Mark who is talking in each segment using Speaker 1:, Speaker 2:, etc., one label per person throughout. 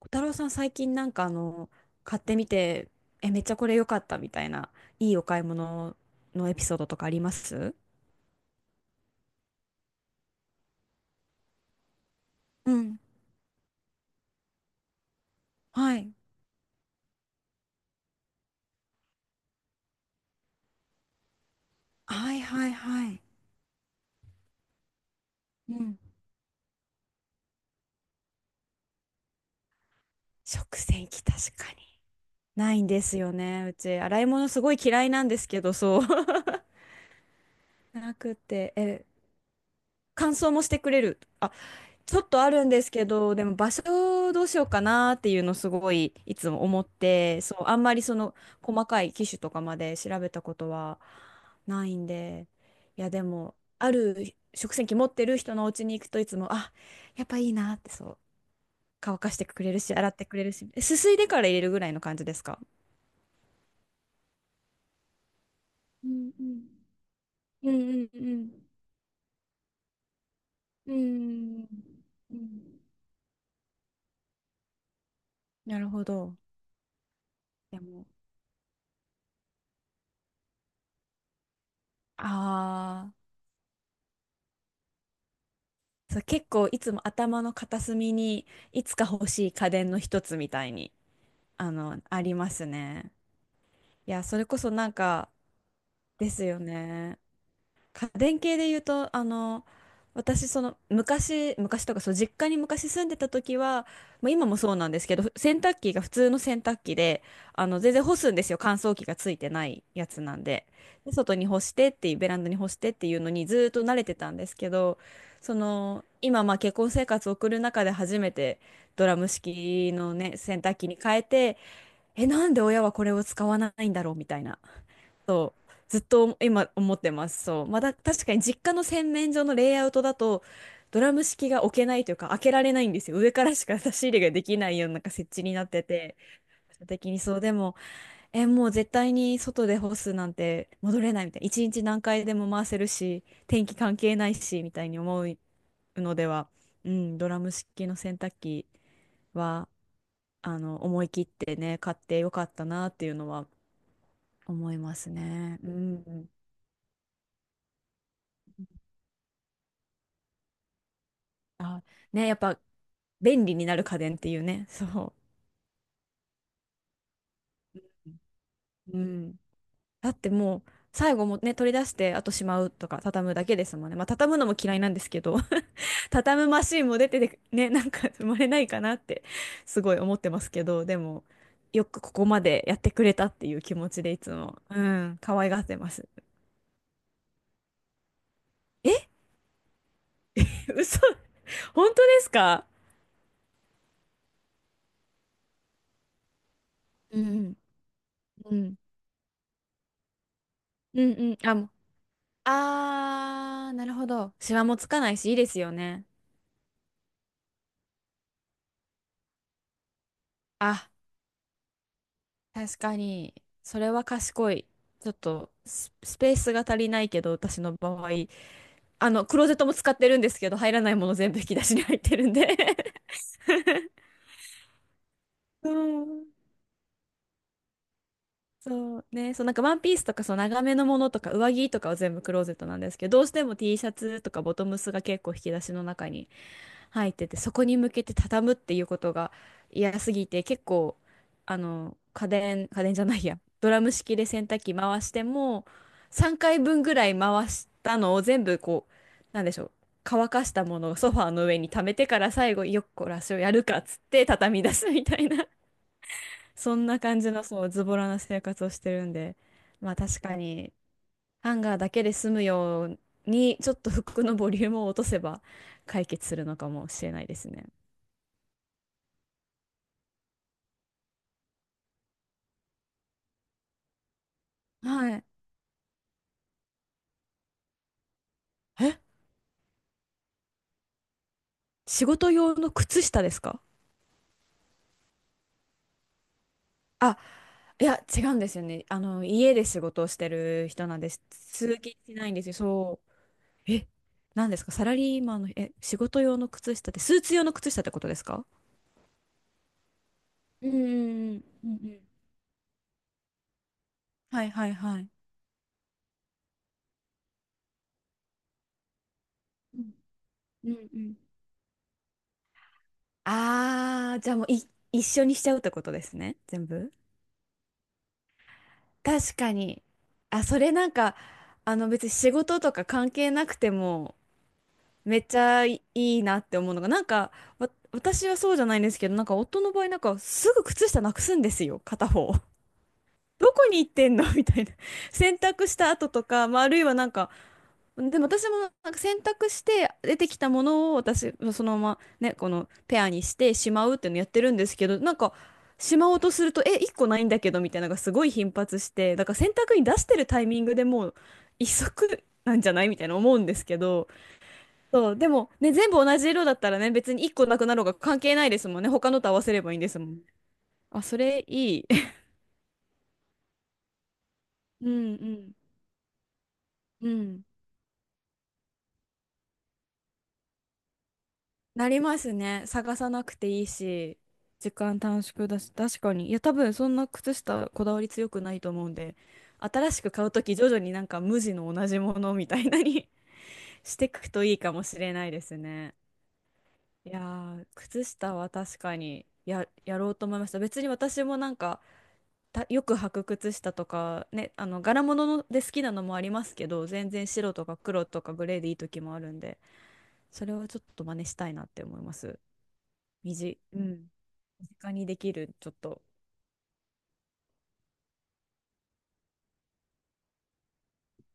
Speaker 1: 小太郎さん、最近買ってみて、めっちゃこれ良かったみたいな、いいお買い物のエピソードとかあります？うん。はい。はいはいはい。うん。食洗機確かに。ないんですよね。うち、洗い物すごい嫌いなんですけど、そう。なくて、乾燥もしてくれる。あ、ちょっとあるんですけど、でも場所どうしようかなっていうのすごいいつも思って、そう、あんまりその細かい機種とかまで調べたことはないんで、いやでも、ある食洗機持ってる人のお家に行くといつも、あ、やっぱいいなって、そう、乾かしてくれるし、洗ってくれるし、すすいでから入れるぐらいの感じですか？うんうんうんうんうんうんうん、なるほど。でも、ああ。そう、結構いつも頭の片隅にいつか欲しい家電の一つみたいに、あの、ありますね。いや、それこそなんかですよね。家電系で言うと、あの、私、その、昔とか、そう、実家に昔住んでた時は、まあ、今もそうなんですけど、洗濯機が普通の洗濯機で、あの、全然干すんですよ。乾燥機がついてないやつなんで。で、外に干してっていう、ベランダに干してっていうのにずーっと慣れてたんですけど、その、今、まあ、結婚生活を送る中で初めてドラム式のね、洗濯機に変えて、なんで親はこれを使わないんだろうみたいな。そうずっと今思ってます。そう。まだ確かに実家の洗面所のレイアウトだとドラム式が置けないというか開けられないんですよ。上からしか差し入れができないような、なんか設置になってて。場所的にそうでも、もう絶対に外で干すなんて戻れないみたいな。一日何回でも回せるし、天気関係ないしみたいに思うのでは、うん、ドラム式の洗濯機はあの思い切ってね、買ってよかったなっていうのは思いますね。うん。あ、ね、やっぱ便利になる家電っていうね、そう。うん。だってもう、最後もね、取り出して、あとしまうとか、畳むだけですもんね。まあ、畳むのも嫌いなんですけど、畳むマシンも出てて、ね、なんか生まれないかなって、すごい思ってますけど、でも、よくここまでやってくれたっていう気持ちでいつも、うん、可愛がってます。え、 嘘、本当ですか？うんうん。うんうん。あ、もう。あー、なるほど。シワもつかないし、いいですよね。あ、確かに、それは賢い。ちょっとスペースが足りないけど、私の場合、あの、クローゼットも使ってるんですけど、入らないもの全部引き出しに入ってるんで うん、そうね、そう、なんかワンピースとかそう長めのものとか上着とかは全部クローゼットなんですけど、どうしても T シャツとかボトムスが結構引き出しの中に入ってて、そこに向けて畳むっていうことが嫌すぎて、結構あの家電じゃないや、ドラム式で洗濯機回しても3回分ぐらい回したのを全部こう、なんでしょう、乾かしたものをソファーの上に溜めてから最後、よっこらしをやるかっつって畳み出すみたいな、そんな感じの、そう、ズボラな生活をしてるんで、まあ確かに、ハンガーだけで済むように、ちょっと服のボリュームを落とせば解決するのかもしれないですね。はい。え、仕事用の靴下ですか？あ、いや、違うんですよね。あの、家で仕事をしてる人なんです。通勤しないんですよ。そう。え、なんですか、サラリーマンの、え、仕事用の靴下って、スーツ用の靴下ってことですか？うんうんうんうんうん。はいはいはい。うんうんうん、ああ、じゃあもうい、一緒にしちゃうってことですね、全部。確かに。あ、それなんか、あの別に仕事とか関係なくても、めっちゃいいなって思うのが、なんか、私はそうじゃないんですけど、なんか夫の場合、なんかすぐ靴下なくすんですよ、片方。どこに行ってんのみたいな。洗濯した後とか、まあ、あるいはなんか、でも私もなんか選択して出てきたものを私そのままねこのペアにしてしまうっていうのやってるんですけど、なんかしまおうとするとえ1個ないんだけどみたいなのがすごい頻発して、だから選択に出してるタイミングでもう一足なんじゃないみたいな思うんですけど、そうでもね全部同じ色だったらね別に1個なくなろうが関係ないですもんね、他のと合わせればいいんですもん。あ、それいい。 うんうんうん。なりますね。探さなくていいし、時間短縮だし、確かに。いや、多分そんな靴下こだわり強くないと思うんで、新しく買うとき徐々になんか無地の同じものみたいなに していくといいかもしれないですね。いやー、靴下は確かにやろうと思いました。別に私もなんか、たよく履く靴下とかね、あの柄物ので好きなのもありますけど、全然白とか黒とかグレーでいい時もあるんで、それはちょっと真似したいなって思います。水、うん。身近にできる、ちょっと。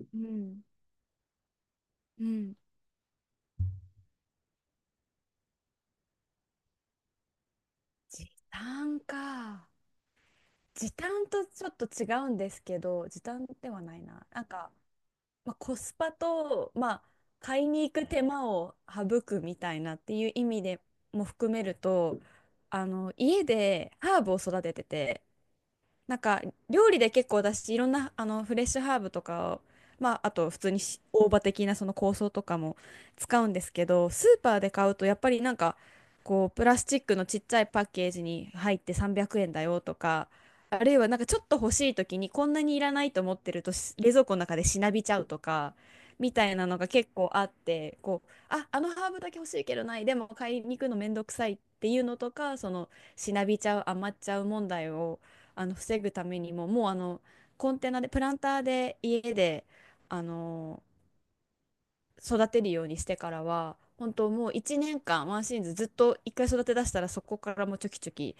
Speaker 1: うん。うん。時短か。時短とちょっと違うんですけど、時短ではないな。なんか、まあ、コスパと、まあ、買いに行く手間を省くみたいなっていう意味でも含めると、あの、家でハーブを育ててて、なんか料理で結構私いろんなあのフレッシュハーブとかを、まあ、あと普通にし大葉的なその香草とかも使うんですけど、スーパーで買うとやっぱりなんかこうプラスチックのちっちゃいパッケージに入って300円だよとか、あるいはなんかちょっと欲しい時にこんなにいらないと思ってるとし冷蔵庫の中でしなびちゃうとかみたいなのが結構あって、こうあ、あのハーブだけ欲しいけどないでも買いに行くのめんどくさいっていうのとか、そのしなびちゃう余っちゃう問題をあの防ぐためにももうあのコンテナでプランターで家であの育てるようにしてからは本当もう1年間ワンシーズンずっと1回育て出したらそこからもうちょきちょき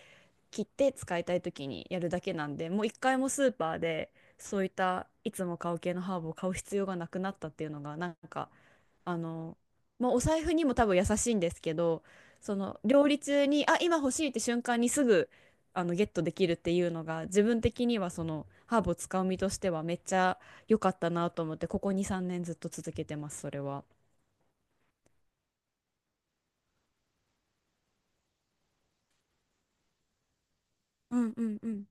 Speaker 1: 切って使いたい時にやるだけなんで、もう1回もスーパーでそういったいつも買う系のハーブを買う必要がなくなったっていうのがなんか、あの、まあ、お財布にも多分優しいんですけど、その料理中にあ今欲しいって瞬間にすぐあのゲットできるっていうのが自分的にはそのハーブを使う身としてはめっちゃ良かったなと思って、ここ2、3年ずっと続けてますそれは。うんうんうん。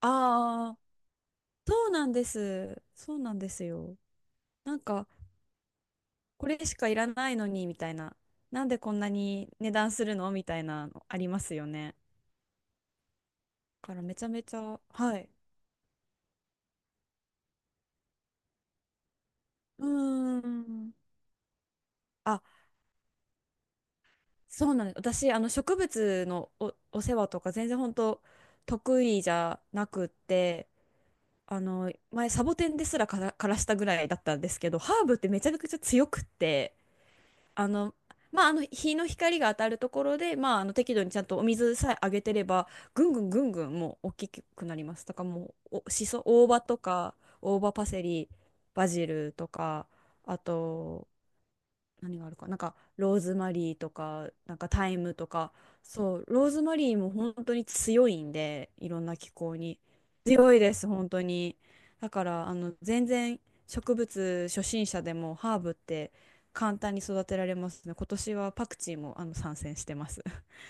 Speaker 1: ああ、そうなんです。そうなんですよ。なんか、これしかいらないのに、みたいな。なんでこんなに値段するのみたいなのありますよね。だからめちゃめちゃ、はい。うーん。あ、そうなんです。私、あの植物のお世話とか全然本当得意じゃなくって、あの前サボテンですらから、枯らしたぐらいだったんですけど、ハーブってめちゃくちゃ強くって、あの、まあ、あの日の光が当たるところで、まあ、あの適度にちゃんとお水さえあげてれば、ぐんぐんぐんぐんもう大きくなります。とかもうお、しそ、大葉とか、大葉パセリ、バジルとか、あと、何があるかなんかローズマリーとかなんかタイムとか、そうローズマリーも本当に強いんでいろんな気候に強いです本当に。だからあの全然植物初心者でもハーブって簡単に育てられますね。今年はパクチーもあの参戦してます。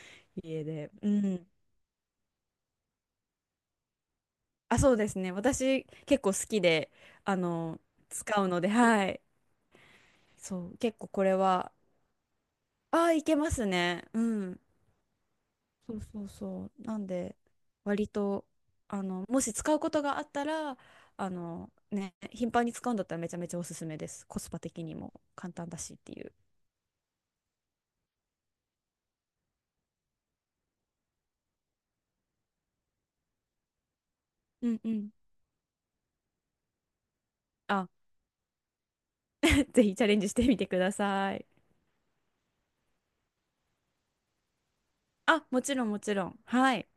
Speaker 1: 家で、うん。あ、そうですね、私結構好きで、あの使うのではい。そう結構これはあーいけますねうん。そうそうそう。なんで、割と、あの、もし使うことがあったら、あの、ね、頻繁に使うんだったらめちゃめちゃおすすめです。コスパ的にも簡単だしっていう。うんうん。あ、ぜひチャレンジしてみてください。あ、もちろんもちろん。はい。